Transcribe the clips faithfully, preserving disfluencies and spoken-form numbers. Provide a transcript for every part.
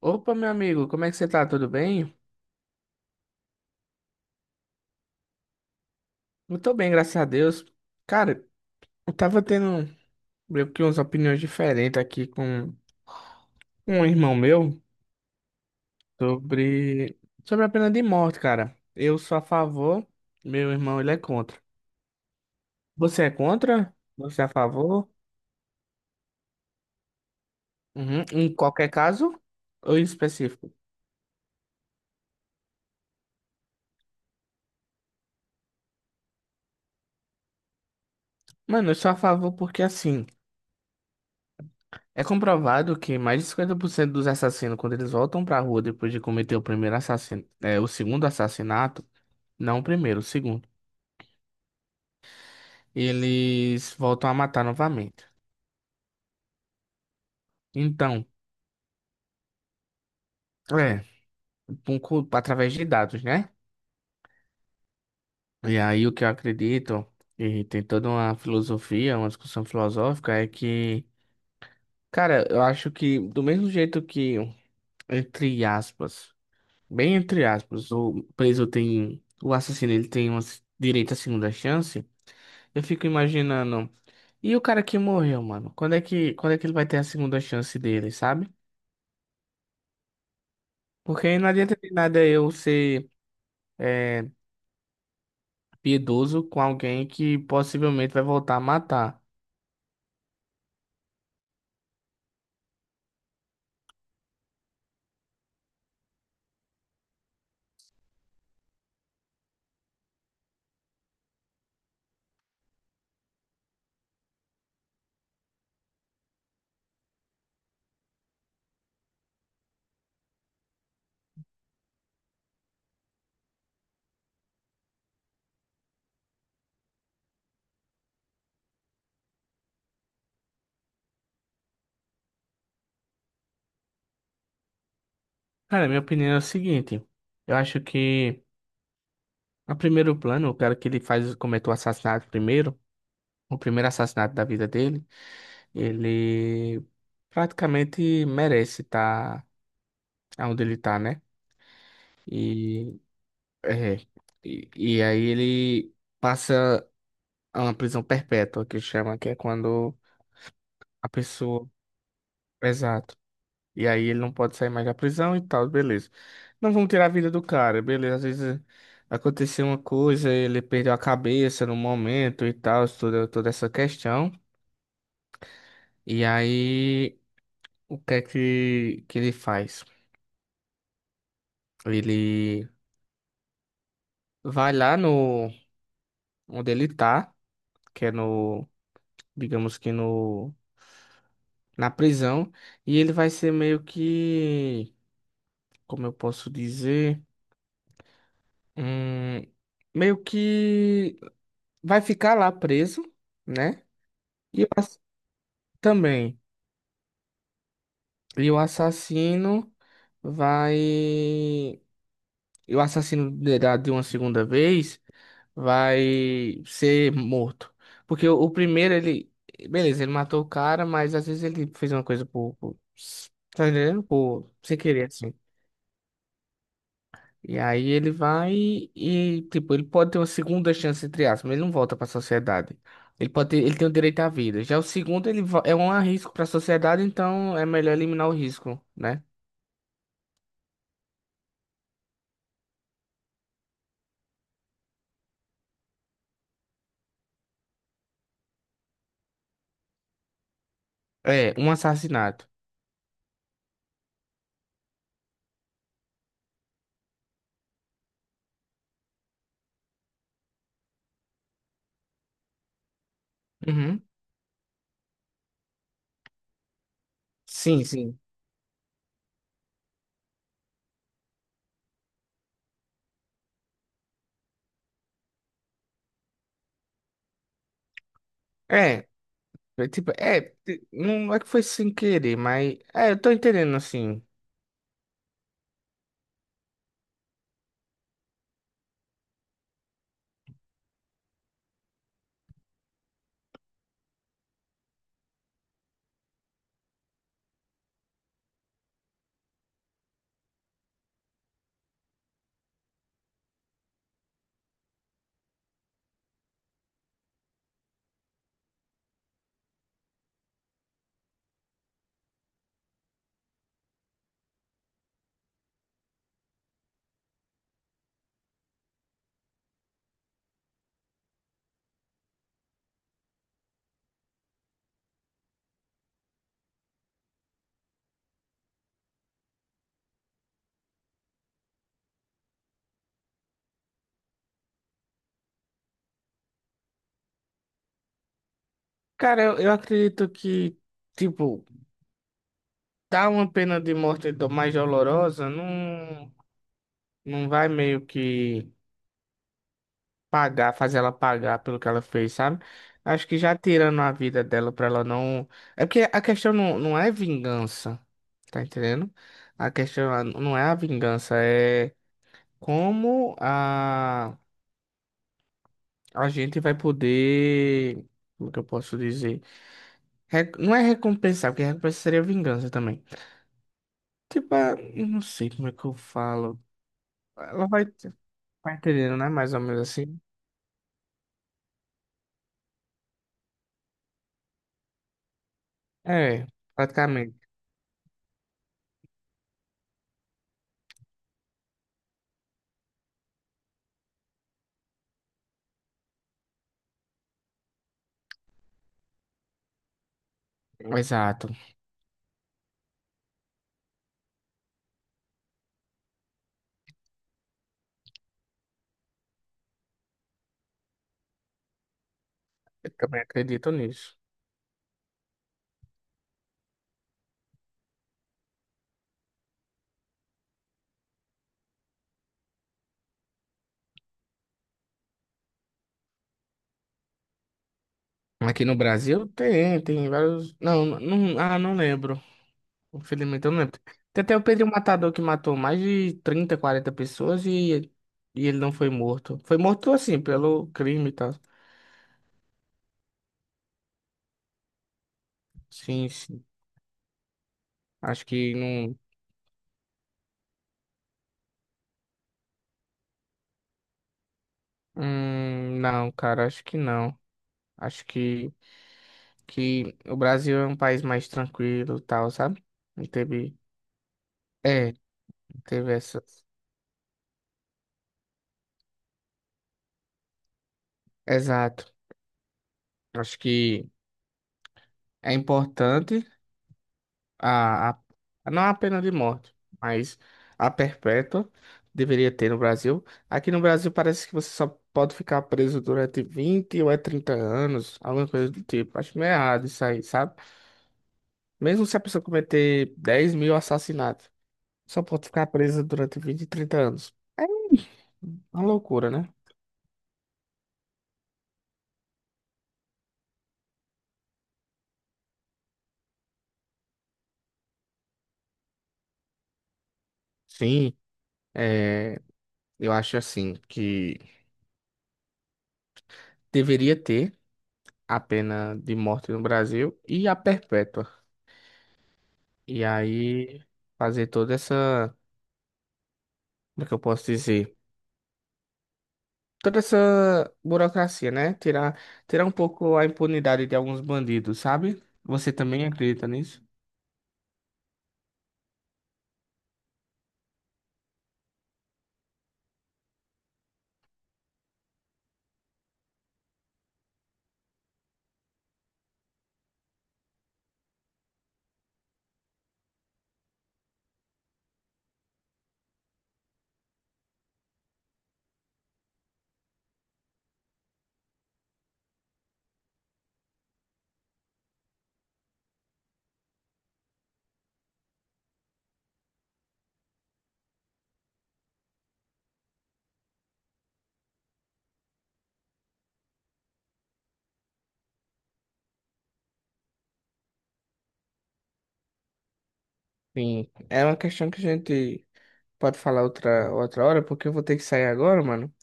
Opa, meu amigo, como é que você tá? Tudo bem? Eu tô bem, graças a Deus. Cara, eu tava tendo meio que umas opiniões diferentes aqui com um irmão meu sobre, sobre a pena de morte, cara. Eu sou a favor, meu irmão ele é contra. Você é contra? Você é a favor? Uhum. Em qualquer caso ou em específico? Mano, eu sou a favor porque assim, é comprovado que mais de cinquenta por cento dos assassinos, quando eles voltam pra rua depois de cometer o primeiro assassino, é, o segundo assassinato, não o primeiro, o segundo. Eles voltam a matar novamente. Então, é, com- com- através de dados, né? E aí o que eu acredito, e tem toda uma filosofia, uma discussão filosófica, é que, cara, eu acho que do mesmo jeito que, entre aspas, bem entre aspas, o preso tem, o assassino ele tem um direito à segunda chance, eu fico imaginando, e o cara que morreu, mano? Quando é que, quando é que ele vai ter a segunda chance dele, sabe? Porque não adianta de nada eu ser é, piedoso com alguém que possivelmente vai voltar a matar. Cara, minha opinião é o seguinte. Eu acho que, a primeiro plano, o cara que ele faz, cometeu o assassinato primeiro, o primeiro assassinato da vida dele, ele praticamente merece estar onde ele tá, né? E, é, e, e aí ele passa a uma prisão perpétua, que chama, que é quando a pessoa... Exato. E aí ele não pode sair mais da prisão e tal, beleza. Não vamos tirar a vida do cara, beleza. Às vezes aconteceu uma coisa, ele perdeu a cabeça no momento e tal, toda, toda essa questão. E aí, o que é que, que ele faz? Ele vai lá no onde ele tá, que é no, digamos que no, na prisão, e ele vai ser meio que, como eu posso dizer, hum, meio que vai ficar lá preso, né? E o ass- também. E o assassino vai. E o assassino de da- de uma segunda vez vai ser morto. Porque o, o primeiro, ele. Beleza, ele matou o cara, mas às vezes ele fez uma coisa por. Por- tá entendendo? Por, sem querer, assim. E aí ele vai e, tipo, ele pode ter uma segunda chance, entre aspas, mas ele não volta pra sociedade. Ele pode ter- ele tem o direito à vida. Já o segundo, ele vo- é um risco pra sociedade, então é melhor eliminar o risco, né? É, um assassinato. Uhum. Sim, sim. É, é tipo, é, t- não é que foi sem querer, mas é, eu tô entendendo assim. Cara, eu, eu acredito que, tipo, dar uma pena de morte do- mais dolorosa não, não vai meio que pagar, fazer ela pagar pelo que ela fez, sabe? Acho que já tirando a vida dela pra ela não. É porque a questão não, não é vingança, tá entendendo? A questão não é a vingança, é como a. A gente vai poder. Como que eu posso dizer? Re- não é recompensar, porque recompensa seria vingança também. Tipo, ah, eu não sei como é que eu falo. Ela vai. Vai entendendo, né? Mais ou menos assim. É, praticamente. Exato. Eu também acredito nisso. Aqui no Brasil tem, tem vários. Não, não, ah, não lembro. Infelizmente eu não lembro. Tem até o Pedro Matador que matou mais de trinta quarenta pessoas e, e ele não foi morto. Foi morto assim, pelo crime e tal. Sim, sim. Acho que não. Hum, não, cara, acho que não. Acho que, que o Brasil é um país mais tranquilo e tal, sabe? Não teve. É, teve essa. Exato. Acho que é importante a, a- a- não a pena de morte, mas a perpétua deveria ter no Brasil. Aqui no Brasil parece que você só pode ficar preso durante vinte ou é trinta anos, alguma coisa do tipo. Acho meio errado isso aí, sabe? Mesmo se a pessoa cometer dez mil assassinatos. Só pode ficar presa durante vinte e trinta anos. É uma loucura, né? Sim, é, eu acho assim que deveria ter a pena de morte no Brasil e a perpétua. E aí fazer toda essa, como é que eu posso dizer? Toda essa burocracia, né? Tirar, tirar um pouco a impunidade de alguns bandidos, sabe? Você também acredita nisso? Sim, é uma questão que a gente pode falar outra, outra hora, porque eu vou ter que sair agora, mano.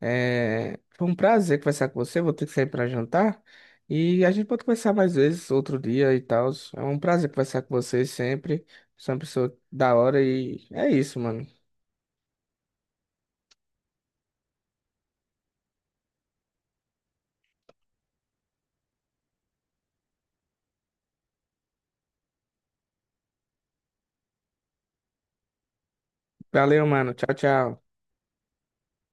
É, foi um prazer conversar com você. Vou ter que sair para jantar. E a gente pode conversar mais vezes, outro dia e tal. É um prazer conversar com você sempre. Você é uma pessoa da hora e é isso, mano. Valeu, mano. Tchau, tchau.